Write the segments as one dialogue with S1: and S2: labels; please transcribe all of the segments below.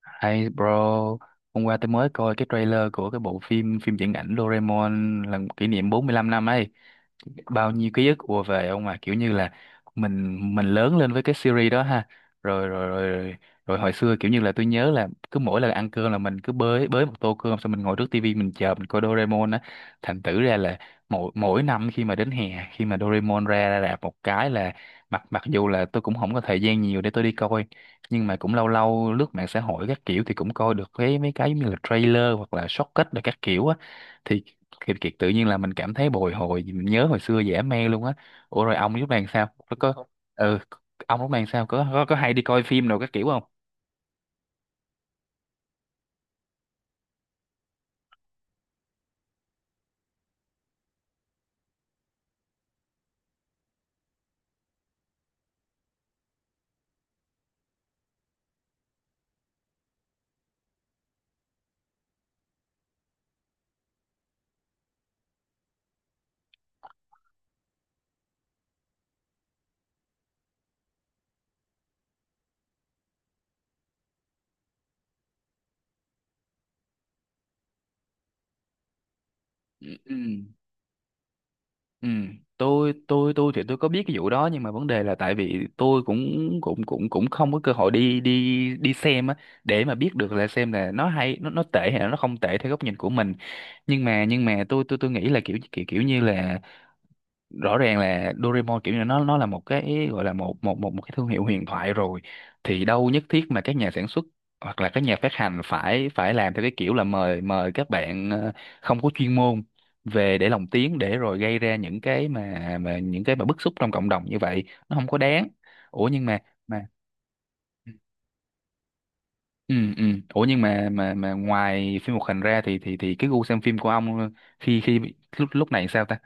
S1: Hay bro, hôm qua tôi mới coi cái trailer của cái bộ phim phim viễn ảnh Doraemon lần kỷ niệm 45 năm ấy. Bao nhiêu ký ức ùa về ông à, kiểu như là mình lớn lên với cái series đó ha. Rồi rồi rồi rồi, rồi hồi xưa kiểu như là tôi nhớ là cứ mỗi lần ăn cơm là mình cứ bới bới một tô cơm xong mình ngồi trước tivi mình chờ mình coi Doraemon á. Thành thử ra là mỗi mỗi năm khi mà đến hè, khi mà Doraemon ra ra rạp một cái là mặc mặc dù là tôi cũng không có thời gian nhiều để tôi đi coi, nhưng mà cũng lâu lâu lướt mạng xã hội các kiểu thì cũng coi được cái mấy cái giống như là trailer hoặc là shortcut rồi các kiểu á, thì Kiệt, tự nhiên là mình cảm thấy bồi hồi, mình nhớ hồi xưa dễ mê luôn á. Ủa rồi ông lúc này sao ừ, ông lúc này sao có hay đi coi phim nào các kiểu không? Ừ, ừ. Ừ, tôi thì tôi có biết cái vụ đó, nhưng mà vấn đề là tại vì tôi cũng cũng cũng cũng không có cơ hội đi đi đi xem á, để mà biết được là xem là nó hay, nó tệ hay là nó không tệ theo góc nhìn của mình. Nhưng mà tôi nghĩ là kiểu kiểu kiểu như là rõ ràng là Doraemon kiểu như nó là một cái gọi là một một một một cái thương hiệu huyền thoại rồi, thì đâu nhất thiết mà các nhà sản xuất hoặc là các nhà phát hành phải phải làm theo cái kiểu là mời mời các bạn không có chuyên môn về để lồng tiếng, để rồi gây ra những cái mà những cái mà bức xúc trong cộng đồng như vậy, nó không có đáng. Ủa nhưng mà mà ừ, ừ. Ủa nhưng mà ngoài phim hoạt hình ra thì cái gu xem phim của ông khi khi lúc lúc này sao ta?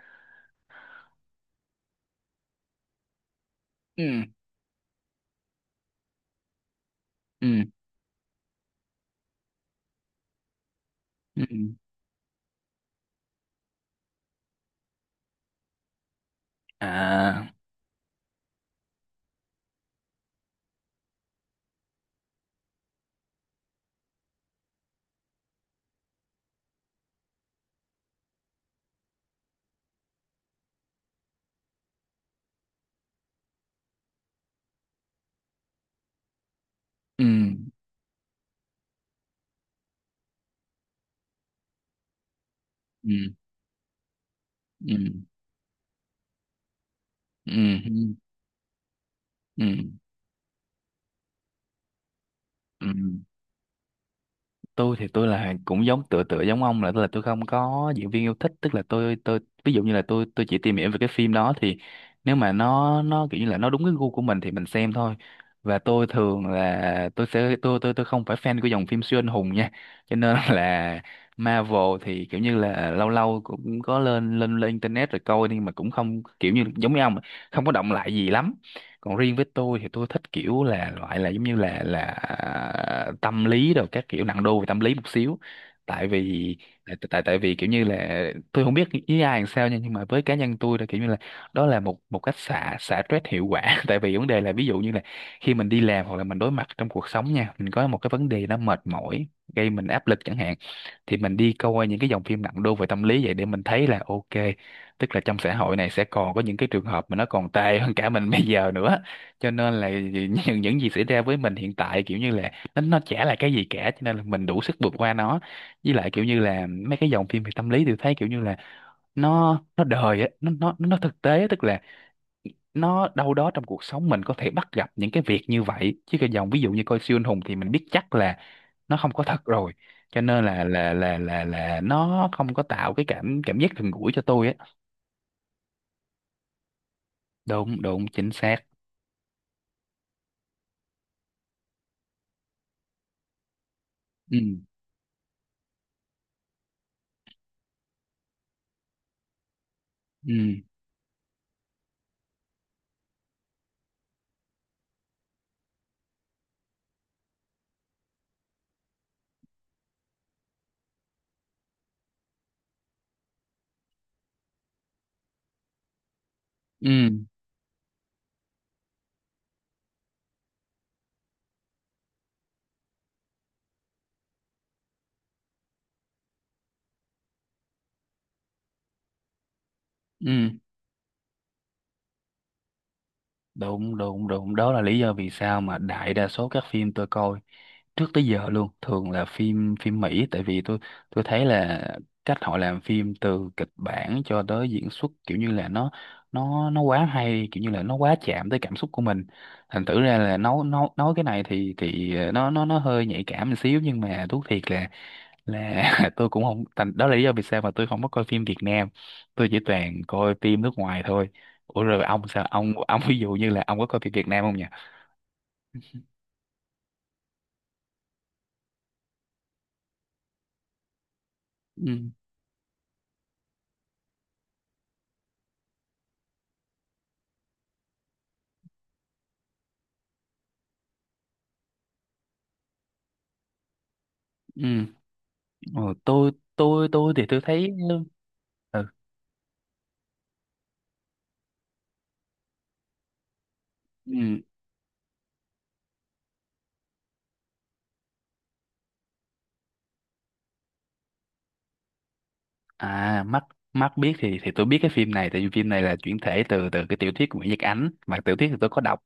S1: Ừ, ừ, ừ. À. Ừ, ừ, ừ, ừ, ừ, ừ, ừ. Tôi thì tôi là cũng giống tựa tựa giống ông, là tôi không có diễn viên yêu thích, tức là tôi ví dụ như là tôi chỉ tìm hiểu về cái phim đó, thì nếu mà nó kiểu như là nó đúng cái gu của mình thì mình xem thôi. Và tôi thường là tôi sẽ tôi không phải fan của dòng phim siêu anh hùng nha, cho nên là Marvel thì kiểu như là lâu lâu cũng có lên lên lên internet rồi coi, nhưng mà cũng không kiểu như giống như ông, không có động lại gì lắm. Còn riêng với tôi thì tôi thích kiểu là loại là giống như là tâm lý, rồi các kiểu nặng đô về tâm lý một xíu, tại vì tại vì kiểu như là tôi không biết với ai làm sao nha, nhưng mà với cá nhân tôi là kiểu như là đó là một một cách xả xả stress hiệu quả tại vì vấn đề là ví dụ như là khi mình đi làm hoặc là mình đối mặt trong cuộc sống nha, mình có một cái vấn đề nó mệt mỏi gây mình áp lực chẳng hạn, thì mình đi coi những cái dòng phim nặng đô về tâm lý vậy để mình thấy là ok, tức là trong xã hội này sẽ còn có những cái trường hợp mà nó còn tệ hơn cả mình bây giờ nữa, cho nên là những gì xảy ra với mình hiện tại kiểu như là nó chả là cái gì cả, cho nên là mình đủ sức vượt qua nó. Với lại kiểu như là mấy cái dòng phim về tâm lý tôi thấy kiểu như là nó đời á, nó thực tế á, tức là nó đâu đó trong cuộc sống mình có thể bắt gặp những cái việc như vậy, chứ cái dòng ví dụ như coi siêu anh hùng thì mình biết chắc là nó không có thật rồi, cho nên là nó không có tạo cái cảm cảm giác gần gũi cho tôi á. Đúng đúng, chính xác. Ừ, ừ, ừ, ừ. Đúng đúng đúng, đó là lý do vì sao mà đại đa số các phim tôi coi trước tới giờ luôn thường là phim phim Mỹ, tại vì tôi thấy là cách họ làm phim từ kịch bản cho tới diễn xuất kiểu như là nó quá hay, kiểu như là nó quá chạm tới cảm xúc của mình. Thành thử ra là nói cái này thì nó hơi nhạy cảm một xíu, nhưng mà thú thiệt là là tôi cũng không thành, đó là lý do vì sao mà tôi không có coi phim Việt Nam, tôi chỉ toàn coi phim nước ngoài thôi. Ủa rồi ông sao ông ví dụ như là ông có coi phim Việt Nam không nhỉ? Ừ, ừ, ừ. Ờ, tôi thì tôi thấy ừ, ừ. À, mắt mắt Biết thì tôi biết cái phim này tại vì phim này là chuyển thể từ từ cái tiểu thuyết của Nguyễn Nhật Ánh, mà tiểu thuyết thì tôi có đọc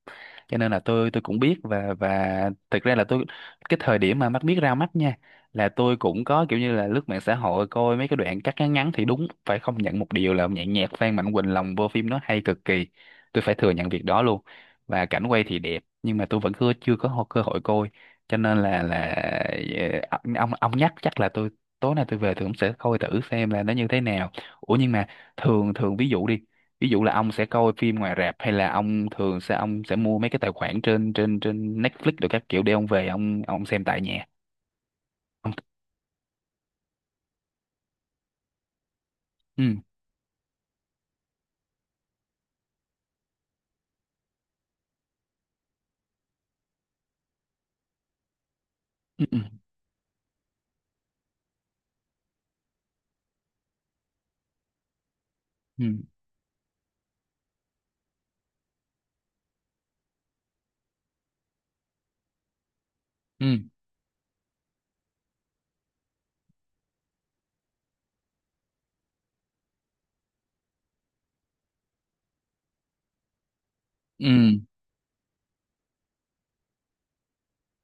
S1: cho nên là tôi cũng biết, và thực ra là tôi cái thời điểm mà Mắt Biết ra mắt nha, là tôi cũng có kiểu như là lướt mạng xã hội coi mấy cái đoạn cắt ngắn ngắn, thì đúng phải không nhận một điều là nhạc nhạc Phan Mạnh Quỳnh lồng vô phim nó hay cực kỳ, tôi phải thừa nhận việc đó luôn. Và cảnh quay thì đẹp, nhưng mà tôi vẫn chưa chưa có cơ hội coi, cho nên là ờ, ông nhắc chắc là tôi tối nay tôi về tôi cũng sẽ coi thử xem là nó như thế nào. Ủa nhưng mà thường thường ví dụ đi, ví dụ là ông sẽ coi phim ngoài rạp hay là ông sẽ mua mấy cái tài khoản trên trên trên Netflix rồi các kiểu để ông về ông xem tại nhà ông? Ừ, ừ, ừ, ừ, ừ, ừ,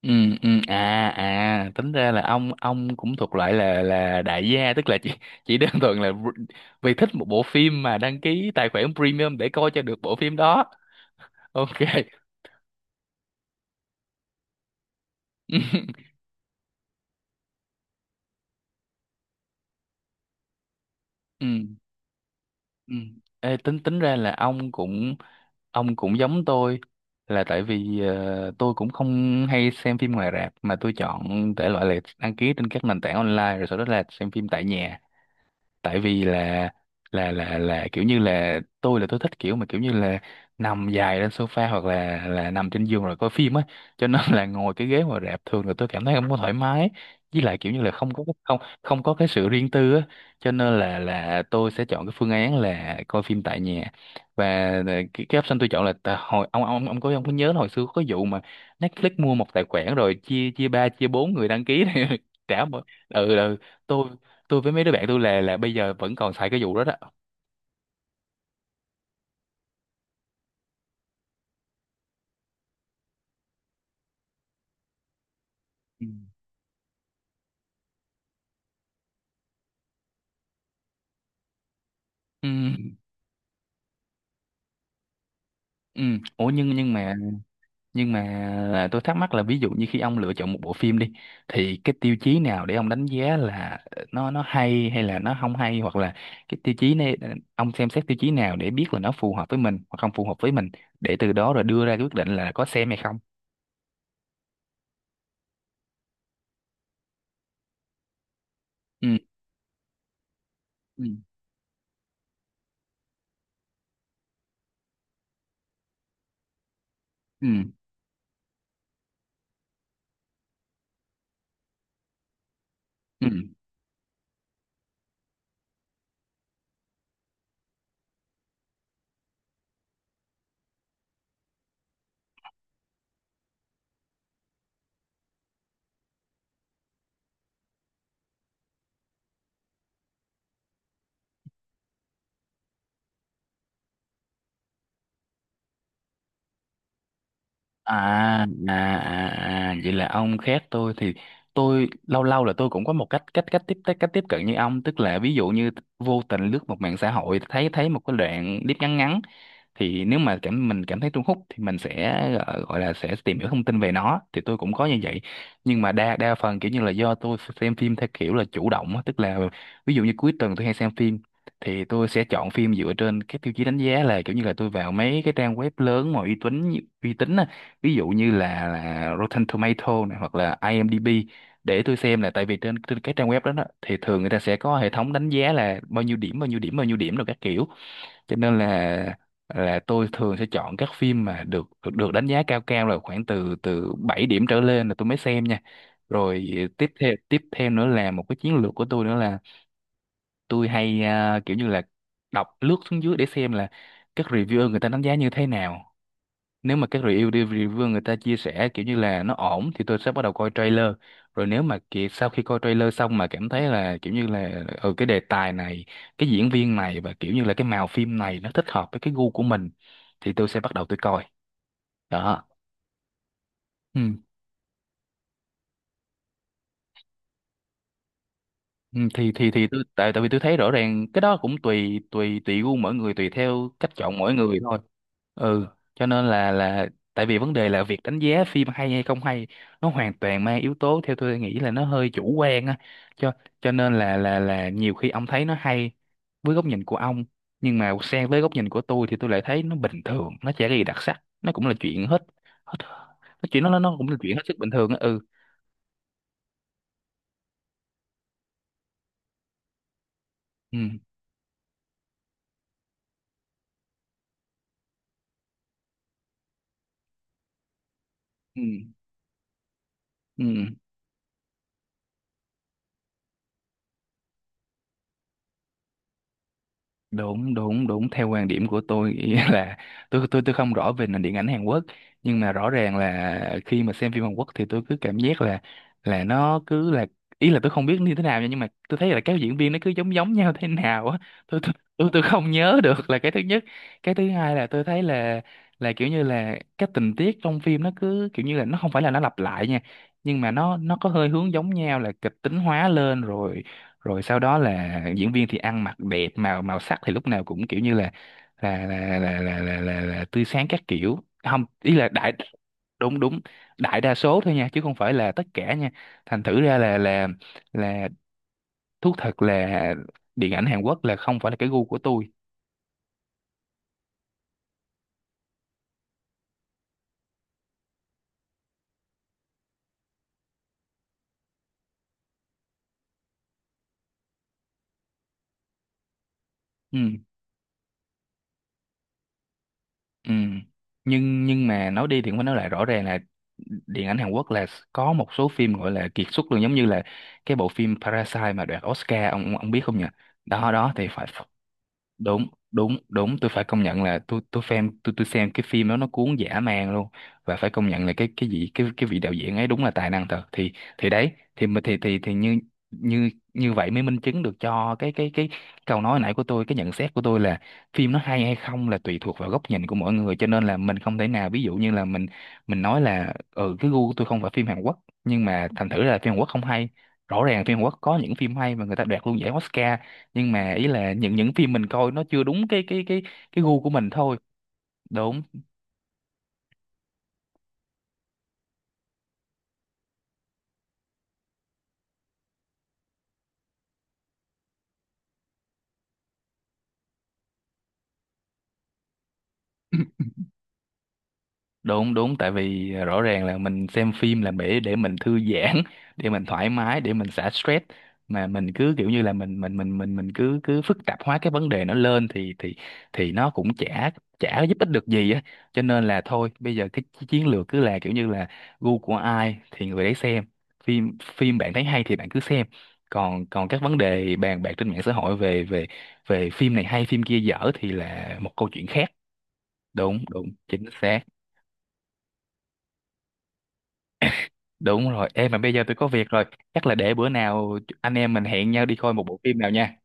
S1: ừ, ừ. À, à, tính ra là ông cũng thuộc loại là đại gia, tức là chỉ đơn thuần là vì thích một bộ phim mà đăng ký tài khoản premium để coi cho được bộ phim đó, ok. Ừ. Ừ. Ê, tính tính ra là ông cũng giống tôi, là tại vì tôi cũng không hay xem phim ngoài rạp mà tôi chọn thể loại là đăng ký trên các nền tảng online rồi sau đó là xem phim tại nhà, tại vì là kiểu như là tôi thích kiểu kiểu như là nằm dài lên sofa hoặc là nằm trên giường rồi coi phim á, cho nên là ngồi cái ghế ngồi rạp thường là tôi cảm thấy không có thoải mái, với lại kiểu như là không có cái sự riêng tư á, cho nên là tôi sẽ chọn cái phương án là coi phim tại nhà. Và cái option tôi chọn là tại hồi ông có có nhớ là hồi xưa có vụ mà Netflix mua một tài khoản rồi chia chia ba chia bốn người đăng ký này trả một ừ, ừ. Tôi tôi với mấy đứa bạn tôi là bây giờ vẫn còn xài cái vụ đó đó. Ừ. ừ ừ ủa nhưng mà là tôi thắc mắc là ví dụ như khi ông lựa chọn một bộ phim đi thì cái tiêu chí nào để ông đánh giá là nó hay hay là nó không hay, hoặc là cái tiêu chí này ông xem xét tiêu chí nào để biết là nó phù hợp với mình hoặc không phù hợp với mình, để từ đó rồi đưa ra cái quyết định là có xem hay không. ừ ừ ừ ừ à vậy là ông khác tôi. Thì tôi lâu lâu là tôi cũng có một cách cách cách tiếp cận như ông, tức là ví dụ như vô tình lướt một mạng xã hội, thấy thấy một cái đoạn clip ngắn ngắn, thì nếu mà mình cảm thấy thu hút thì mình sẽ gọi là sẽ tìm hiểu thông tin về nó. Thì tôi cũng có như vậy, nhưng mà đa đa phần kiểu như là do tôi xem phim theo kiểu là chủ động á, tức là ví dụ như cuối tuần tôi hay xem phim thì tôi sẽ chọn phim dựa trên cái tiêu chí đánh giá là kiểu như là tôi vào mấy cái trang web lớn mà uy tín, uy tín á, ví dụ như là Rotten Tomato này, hoặc là IMDb, để tôi xem. Là tại vì trên trên cái trang web đó thì thường người ta sẽ có hệ thống đánh giá là bao nhiêu điểm rồi các kiểu, cho nên là tôi thường sẽ chọn các phim mà được được, được đánh giá cao, cao là khoảng từ từ 7 điểm trở lên là tôi mới xem nha. Rồi tiếp theo nữa là một cái chiến lược của tôi nữa là tôi hay kiểu như là đọc lướt xuống dưới để xem là các reviewer người ta đánh giá như thế nào. Nếu mà các review người ta chia sẻ kiểu như là nó ổn thì tôi sẽ bắt đầu coi trailer. Rồi nếu mà sau khi coi trailer xong mà cảm thấy là kiểu như là ừ, cái đề tài này, cái diễn viên này, và kiểu như là cái màu phim này nó thích hợp với cái gu của mình thì tôi sẽ bắt đầu tôi coi. Đó. Ừ Ừ, thì tôi, tại tại vì tôi thấy rõ ràng cái đó cũng tùy tùy tùy gu mỗi người, tùy theo cách chọn mỗi người thôi. Ừ, cho nên là tại vì vấn đề là việc đánh giá phim hay hay không hay, nó hoàn toàn mang yếu tố, theo tôi nghĩ là nó hơi chủ quan á, cho cho nên là nhiều khi ông thấy nó hay với góc nhìn của ông, nhưng mà sang với góc nhìn của tôi thì tôi lại thấy nó bình thường, nó chả có gì đặc sắc, nó cũng là chuyện hết hết, nó chuyện nó cũng là chuyện hết sức bình thường á. Ừ ừ ừ ừ Đúng đúng đúng, theo quan điểm của tôi ý là tôi tôi không rõ về nền điện ảnh Hàn Quốc, nhưng mà rõ ràng là khi mà xem phim Hàn Quốc thì tôi cứ cảm giác là nó cứ là, ý là tôi không biết như thế nào nha, nhưng mà tôi thấy là các diễn viên nó cứ giống giống nhau thế nào á. Tôi tôi tôi tôi không nhớ được, là cái thứ nhất. Cái thứ hai là tôi thấy là kiểu như là các tình tiết trong phim nó cứ kiểu như là, nó không phải là nó lặp lại nha, nhưng mà nó có hơi hướng giống nhau, là kịch tính hóa lên rồi, rồi sau đó là diễn viên thì ăn mặc đẹp, màu màu sắc thì lúc nào cũng kiểu như là tươi sáng các kiểu, không ý là đại, đúng đúng, đại đa số thôi nha, chứ không phải là tất cả nha. Thành thử ra là là thú thật là điện ảnh Hàn Quốc là không phải là cái gu của tôi. ừ ừ nhưng mà nói đi thì cũng phải nói lại, rõ ràng là điện ảnh Hàn Quốc là có một số phim gọi là kiệt xuất luôn, giống như là cái bộ phim Parasite mà đoạt Oscar, ông biết không nhỉ? Đó đó thì phải. Đúng đúng đúng, tôi phải công nhận là tôi tôi xem cái phim đó nó cuốn dã man luôn. Và phải công nhận là cái cái vị đạo diễn ấy đúng là tài năng thật. Thì đấy thì mà- thì như Như như vậy mới minh chứng được cho cái câu nói nãy của tôi, cái nhận xét của tôi là phim nó hay hay không là tùy thuộc vào góc nhìn của mỗi người, cho nên là mình không thể nào, ví dụ như là mình nói là ừ cái gu của tôi không phải phim Hàn Quốc, nhưng mà thành thử là phim Hàn Quốc không hay. Rõ ràng phim Hàn Quốc có những phim hay mà người ta đoạt luôn giải Oscar, nhưng mà ý là những phim mình coi nó chưa đúng cái gu của mình thôi. Đúng đúng đúng, tại vì rõ ràng là mình xem phim là để mình thư giãn, để mình thoải mái, để mình xả stress, mà mình cứ kiểu như là mình cứ cứ phức tạp hóa cái vấn đề nó lên thì nó cũng chả chả giúp ích được gì á, cho nên là thôi bây giờ cái chiến lược cứ là kiểu như là gu của ai thì người đấy xem, phim phim bạn thấy hay thì bạn cứ xem, còn còn các vấn đề bàn bạc trên mạng xã hội về về về phim này hay phim kia dở thì là một câu chuyện khác. Đúng đúng, chính xác. Đúng rồi, em mà bây giờ tôi có việc rồi. Chắc là để bữa nào anh em mình hẹn nhau đi coi một bộ phim nào nha.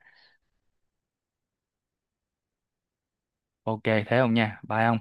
S1: Ok, thế không nha? Bye ông.